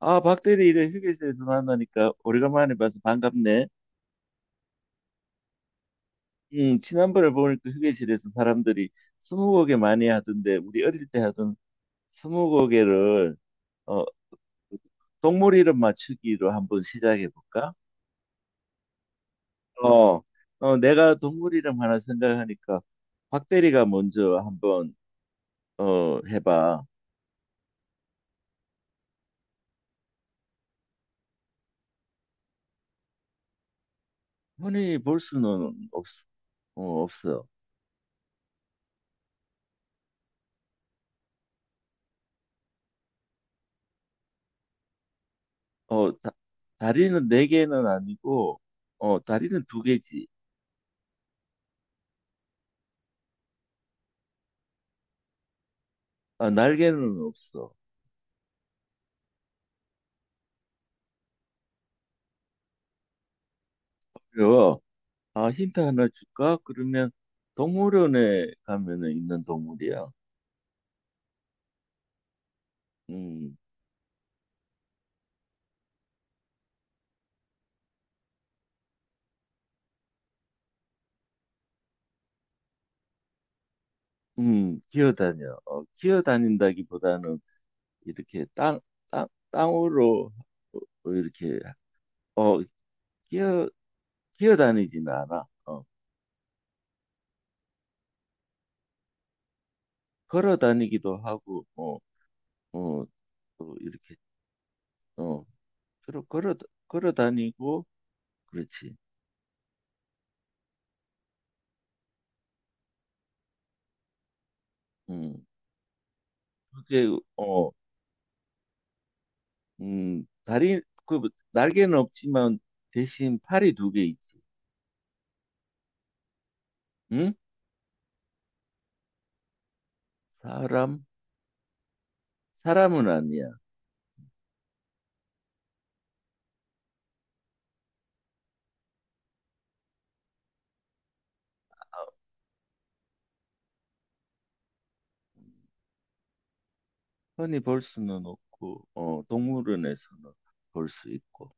아, 박대리 이래 휴게실에서 만나니까 오래간만에 봐서 반갑네. 응, 지난번에 보니까 휴게실에서 사람들이 스무고개 많이 하던데 우리 어릴 때 하던 스무고개를 어, 동물 이름 맞추기로 한번 시작해 볼까? 어, 내가 동물 이름 하나 생각하니까 박대리가 먼저 한번 해봐. 흔히 볼 수는 없, 어, 없어. 어, 다, 다리는 네 개는 아니고 다리는 두 개지. 아, 날개는 없어. 그리고 아, 힌트 하나 줄까? 그러면 동물원에 가면은 있는 동물이야. 음, 기어다녀. 기어다닌다기보다는 이렇게 땅으로 이렇게 어, 기어, 기어다니지는 않아. 걸어다니기도 하고, 어, 또 이렇게 어, 걸어 걸어 걸어다니고, 그렇지. 음, 그게 어. 날개는 없지만 대신 팔이 두 개 있지. 응? 사람? 사람은 아니야. 흔히 볼 수는 없고, 어, 동물원에서는 볼 수 있고.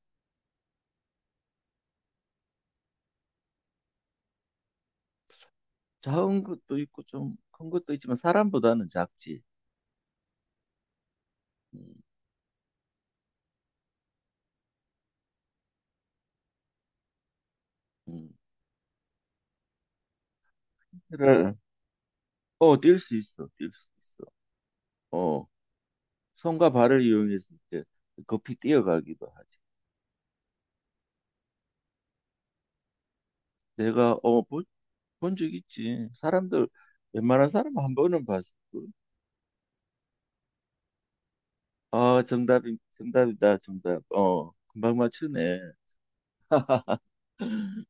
작은 것도 있고, 좀 큰 것도 있지만 사람보다는 작지. 음, 음. 그래. 뛸 수 있어. 뛸 수 있어. 어, 손과 발을 이용해서 이렇게 급히 뛰어가기도 하지. 내가, 어, 본, 본적 있지. 사람들, 웬만한 사람 한 번은 봤어. 정답이다, 정답. 어, 금방 맞추네.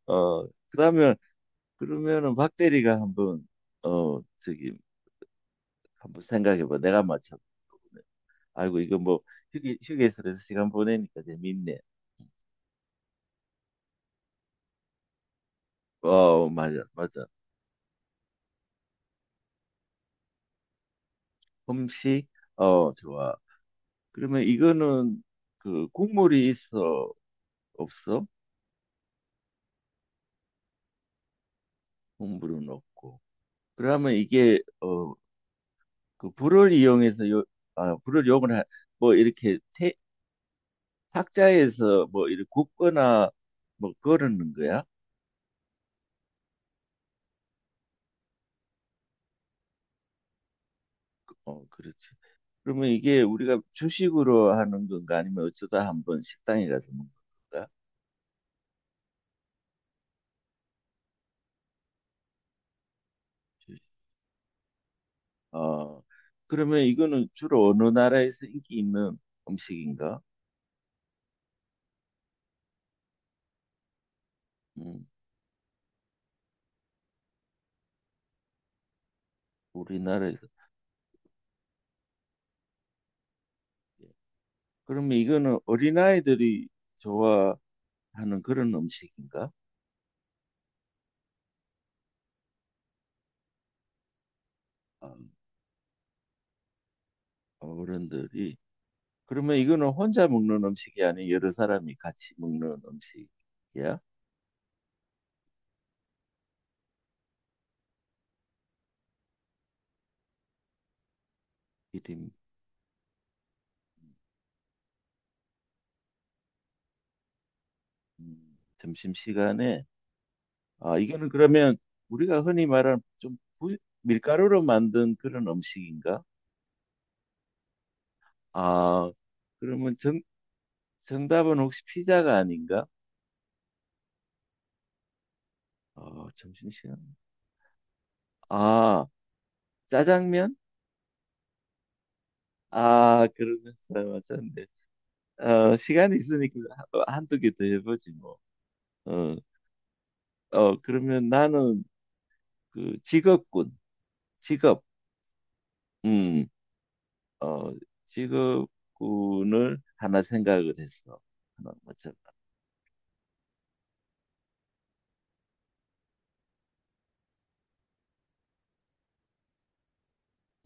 어, 그러면, 그러면은 박 대리가 한번, 어, 저기, 한번 생각해봐. 내가 맞춰. 아이고, 이거 뭐, 휴게소에서 시간 보내니까 재밌네. 어, 맞아, 맞아. 음식, 어, 좋아. 그러면 이거는, 그, 국물이 있어, 없어? 국물은 없고. 그러면 이게, 어, 그, 불을 이용해서 요, 아, 불을 이용을, 하, 뭐, 이렇게 태, 탁자에서 뭐 이렇게 굽거나 뭐 거르는 거야? 어, 그렇지. 그러면 이게 우리가 주식으로 하는 건가 아니면 어쩌다 한번 식당에 가서 먹는 건가? 주식. 어, 그러면 이거는 주로 어느 나라에서 인기 있는 음식인가? 음, 우리나라에서. 예. 그러면 이거는 어린아이들이 좋아하는 그런 음식인가? 어, 어른들이. 그러면 이거는 혼자 먹는 음식이 아닌 여러 사람이 같이 먹는 음식이야? 이름. 점심시간에, 아, 이거는 그러면 우리가 흔히 말하는 밀가루로 만든 그런 음식인가? 아, 그러면 정, 정답은 혹시 피자가 아닌가? 아, 점심시간. 아, 짜장면? 아, 그러면 잘 맞췄네. 어, 시간이 있으니까 한두 개 더 해보지 뭐. 어, 그러면 나는 그 직업군, 직업, 음, 어, 직업군을 하나 생각을 했어. 하나 맞춰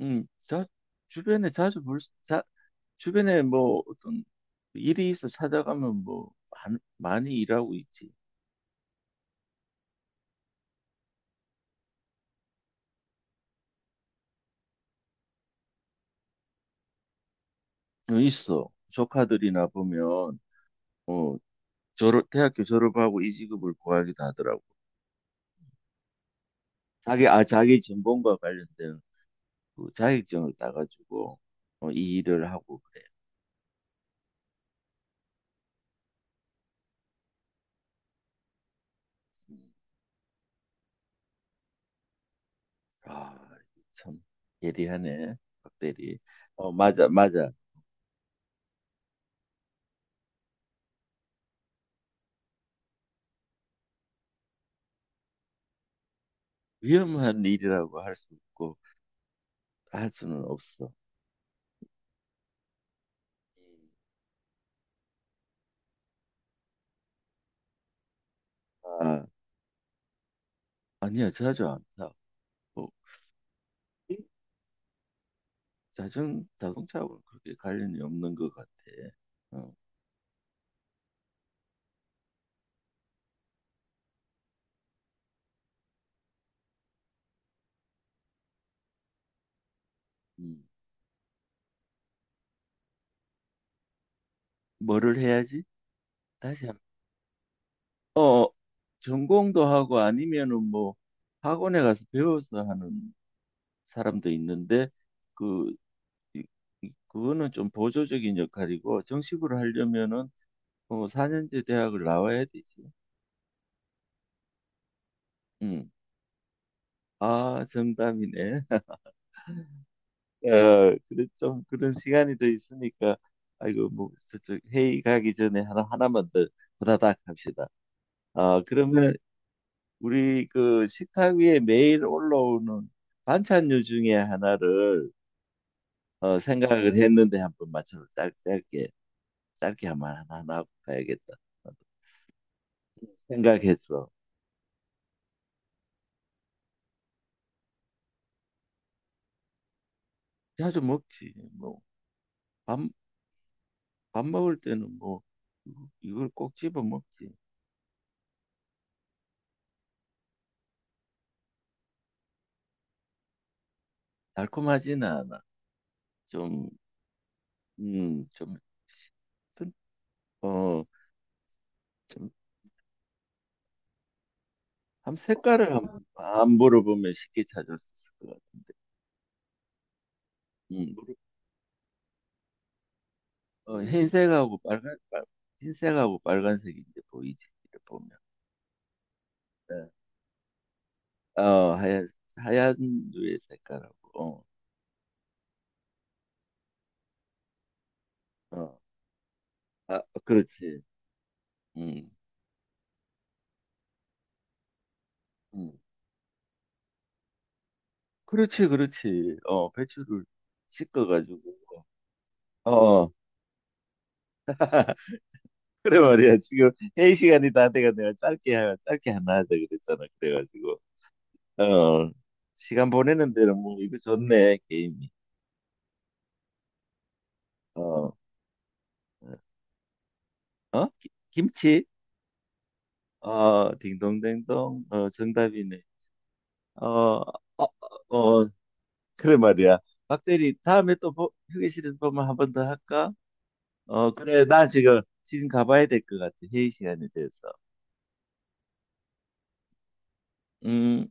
음, 자, 주변에 자주 볼, 수- 자, 주변에 뭐 어떤 일이 있어 찾아가면 뭐 많이 일하고 있지. 어, 있어. 조카들이나 보면 어, 졸업, 대학교 졸업하고 이직업을 구하기도 하더라고. 자기 전공과 관련된 그 자격증을 따가지고 어, 이 일을 하고 그래. 음, 아, 참 예리하네, 박 대리. 어, 맞아, 맞아. 위험한 일이라고 할 수 없고 할 수는 없어. 음, 아, 아니야, 자주 안 타. 뭐, 자동차하고는 그렇게 관련이 없는 것 같아. 어, 음. 뭐를 해야지? 다시 한 어, 전공도 하고 아니면은 뭐 학원에 가서 배워서 하는 사람도 있는데 그 이- 그거는 좀 보조적인 역할이고 정식으로 하려면은 어, 4년제 대학을 나와야 되지. 음. 아, 정답이네. 어, 그래, 좀 그런 시간이 더 있으니까, 아이고, 뭐, 저쪽 회의 가기 전에 하나, 하나만 더 후다닥 합시다. 아, 그러면 우리 그 식탁 위에 매일 올라오는 반찬류 중에 하나를 어, 생각을 했는데 한번 맞춰서 짧게, 짧게 한번 하나, 하나 하고 가야겠다. 생각했어. 자주 먹지. 뭐, 밥, 밥 먹을 때는 뭐, 이걸 꼭 집어 먹지. 달콤하지는 않아. 좀, 음, 좀 튼 어, 좀, 한 색깔을 한, 안 물어보면 쉽게 찾을 수 있을 것 같은데. 음, 물어- 어, 흰색하고 빨간색이 이제 보이지, 이렇게 보면. 네. 어, 하얀, 하얀 류의 색깔하고, 어, 어, 아, 그렇지. 음, 음. 그렇지, 그렇지. 어, 배추를 씻어가지고. 어, 어. 그래 말이야. 지금 회의 시간이 다 돼가 내가 짧게, 짧게 하나 하자 그랬잖아. 그래가지고. 어, 시간 보내는 데는 뭐 이거 좋네 게임이. 어, 김치? 어, 딩동댕동. 어, 정답이네. 어, 어, 어, 그래 말이야. 박대리 다음에 또 휴게실에서 보면 한 번 더 할까? 어, 그래. 나 지금 지금 가봐야 될 것 같아. 회의 시간이 돼서. 음.